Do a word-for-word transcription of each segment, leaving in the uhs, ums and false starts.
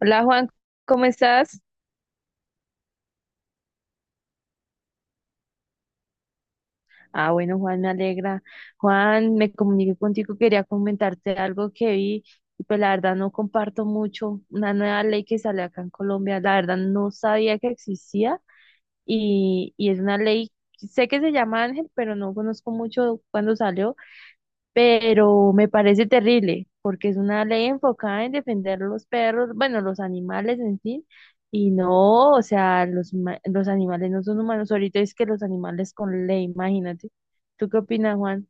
Hola Juan, ¿cómo estás? Ah, bueno, Juan, me alegra. Juan, me comuniqué contigo, quería comentarte algo que vi, y pues la verdad no comparto mucho una nueva ley que sale acá en Colombia, la verdad no sabía que existía y, y es una ley, sé que se llama Ángel, pero no conozco mucho cuándo salió. Pero me parece terrible porque es una ley enfocada en defender los perros, bueno, los animales en sí, y no, o sea, los, huma- los animales no son humanos, ahorita es que los animales con ley, imagínate. ¿Tú qué opinas, Juan?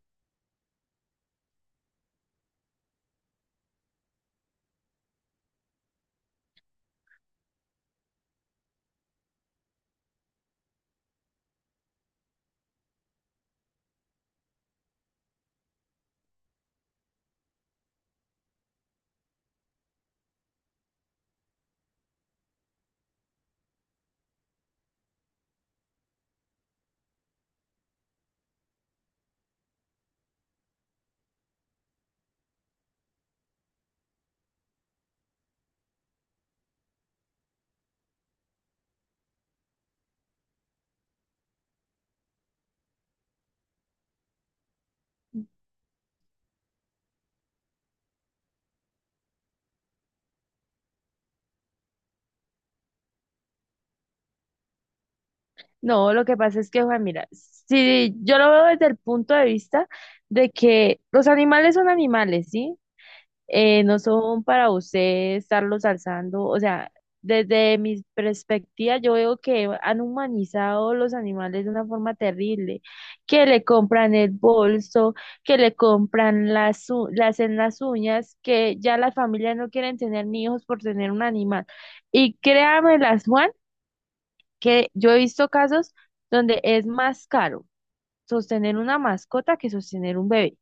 No, lo que pasa es que, Juan, mira, si yo lo veo desde el punto de vista de que los animales son animales, ¿sí? Eh, no son para usted estarlos alzando. O sea, desde mi perspectiva, yo veo que han humanizado los animales de una forma terrible, que le compran el bolso, que le compran las, u- le hacen las uñas, que ya las familias no quieren tener ni hijos por tener un animal. Y las Juan, que yo he visto casos donde es más caro sostener una mascota que sostener un bebé.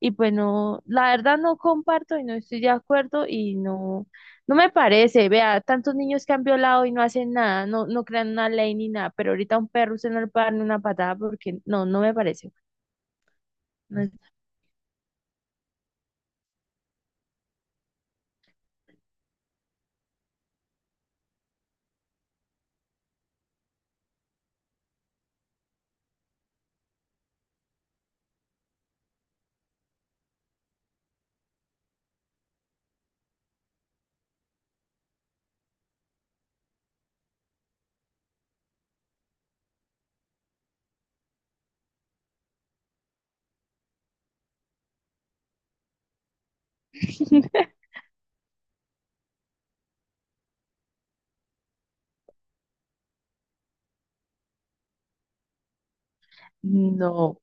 Y pues no, la verdad no comparto y no estoy de acuerdo y no, no me parece, vea, tantos niños que han violado y no hacen nada, no, no crean una ley ni nada, pero ahorita a un perro usted no le puede dar ni una patada porque no, no me parece. No, es- no.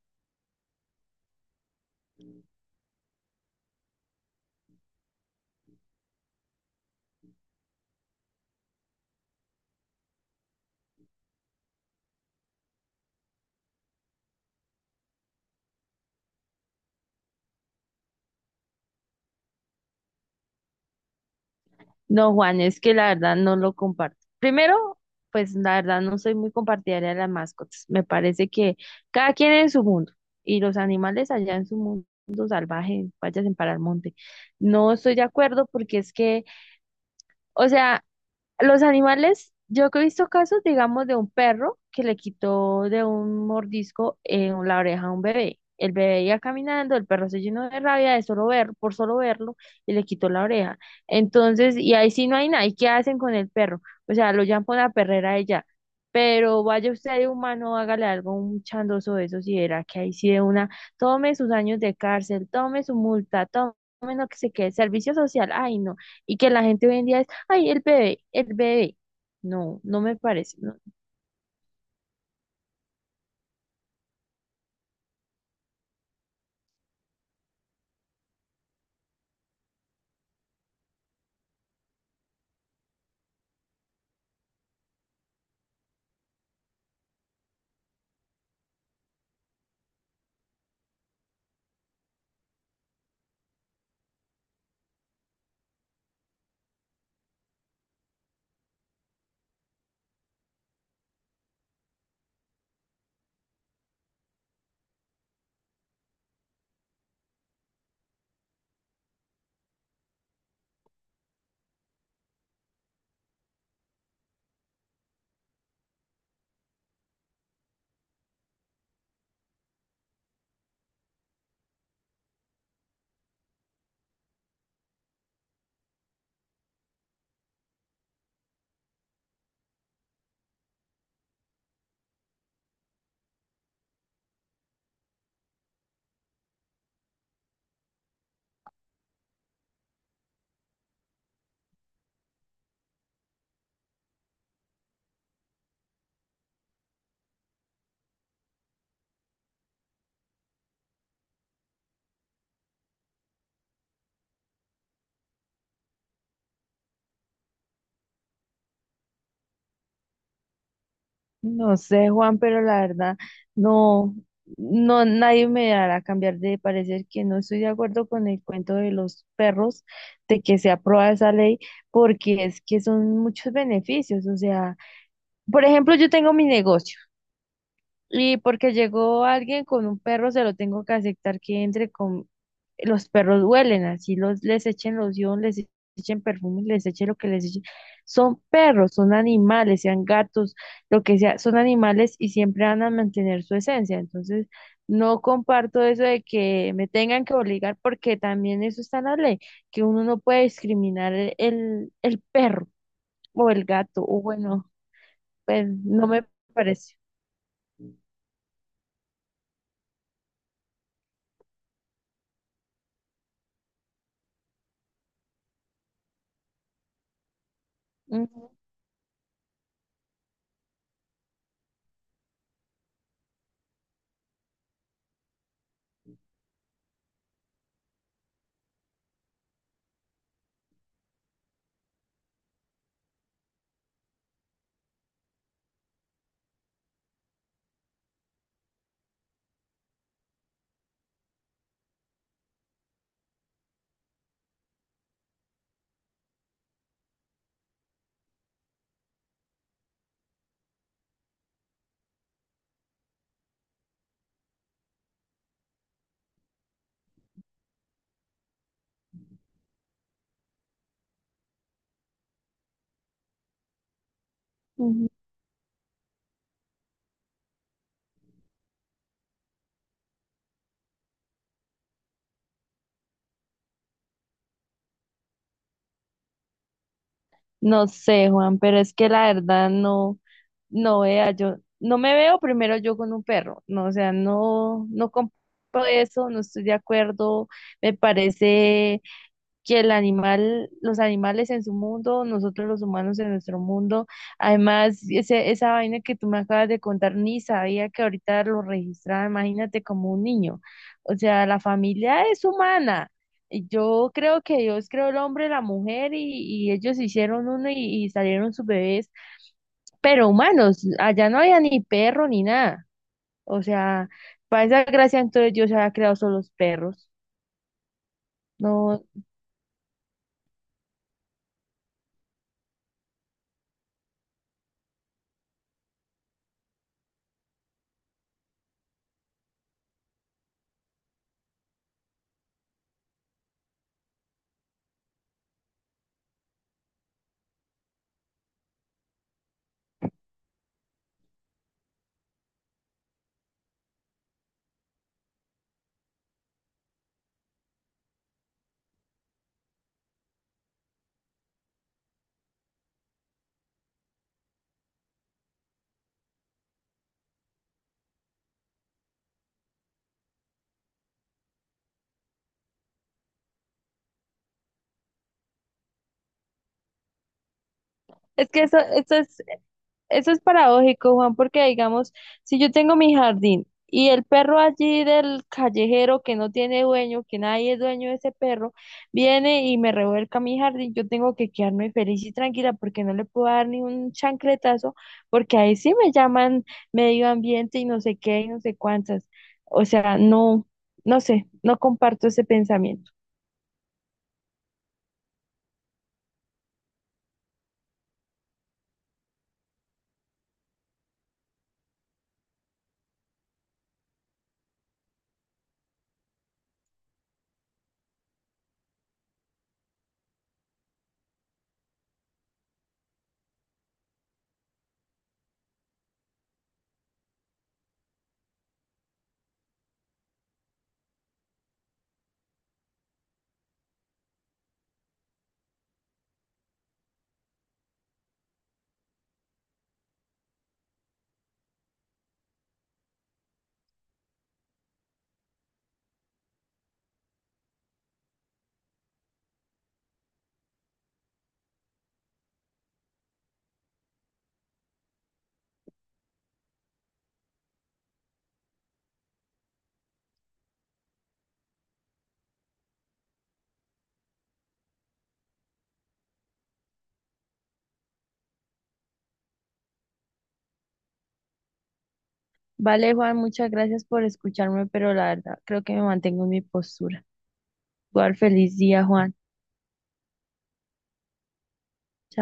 No, Juan, es que la verdad no lo comparto. Primero, pues la verdad no soy muy compartidaria de las mascotas. Me parece que cada quien en su mundo y los animales allá en su mundo salvaje, vayan para el monte. No estoy de acuerdo porque es que, o sea, los animales, yo que he visto casos, digamos, de un perro que le quitó de un mordisco en la oreja a un bebé. El bebé iba caminando, el perro se llenó de rabia de solo ver, por solo verlo, y le quitó la oreja. Entonces, y ahí sí no hay nada. ¿Y qué hacen con el perro? O sea, lo llaman por la perrera ella. Pero vaya usted de humano, hágale algo, un chandoso de esos, y verá que ahí sí de una, tome sus años de cárcel, tome su multa, tome lo que se quede, servicio social, ay no. Y que la gente hoy en día es Ay, el bebé, el bebé. No, no me parece. No. No sé, Juan, pero la verdad, no, no, nadie me hará cambiar de parecer que no estoy de acuerdo con el cuento de los perros, de que se aprueba esa ley, porque es que son muchos beneficios. O sea, por ejemplo, yo tengo mi negocio. Y porque llegó alguien con un perro, se lo tengo que aceptar que entre con... Los perros huelen, así los, les echen loción, les echen perfume, les echen lo que les echen. Son perros, son animales, sean gatos, lo que sea, son animales y siempre van a mantener su esencia. Entonces, no comparto eso de que me tengan que obligar, porque también eso está en la ley, que uno no puede discriminar el, el el perro o el gato, o bueno, pues no me parece. Ujú. No sé, Juan, pero es que la verdad no, no vea, yo no me veo primero yo con un perro, no, o sea, no, no compro eso, no estoy de acuerdo, me parece que el animal, los animales en su mundo, nosotros los humanos en nuestro mundo. Además, ese, esa vaina que tú me acabas de contar, ni sabía que ahorita lo registraba, imagínate como un niño. O sea, la familia es humana. Y yo creo que Dios creó el hombre, la mujer y, y ellos hicieron uno y, y salieron sus bebés, pero humanos, allá no había ni perro ni nada. O sea, para esa gracia entonces Dios había creado solo los perros. No, es que eso, eso es Eso es paradójico, Juan, porque digamos, si yo tengo mi jardín y el perro allí del callejero que no tiene dueño, que nadie es dueño de ese perro, viene y me revuelca mi jardín, yo tengo que quedarme feliz y tranquila porque no le puedo dar ni un chancletazo, porque ahí sí me llaman medio ambiente y no sé qué y no sé cuántas. O sea, no, no sé, no comparto ese pensamiento. Vale, Juan, muchas gracias por escucharme, pero la verdad creo que me mantengo en mi postura. Igual feliz día, Juan. Chao.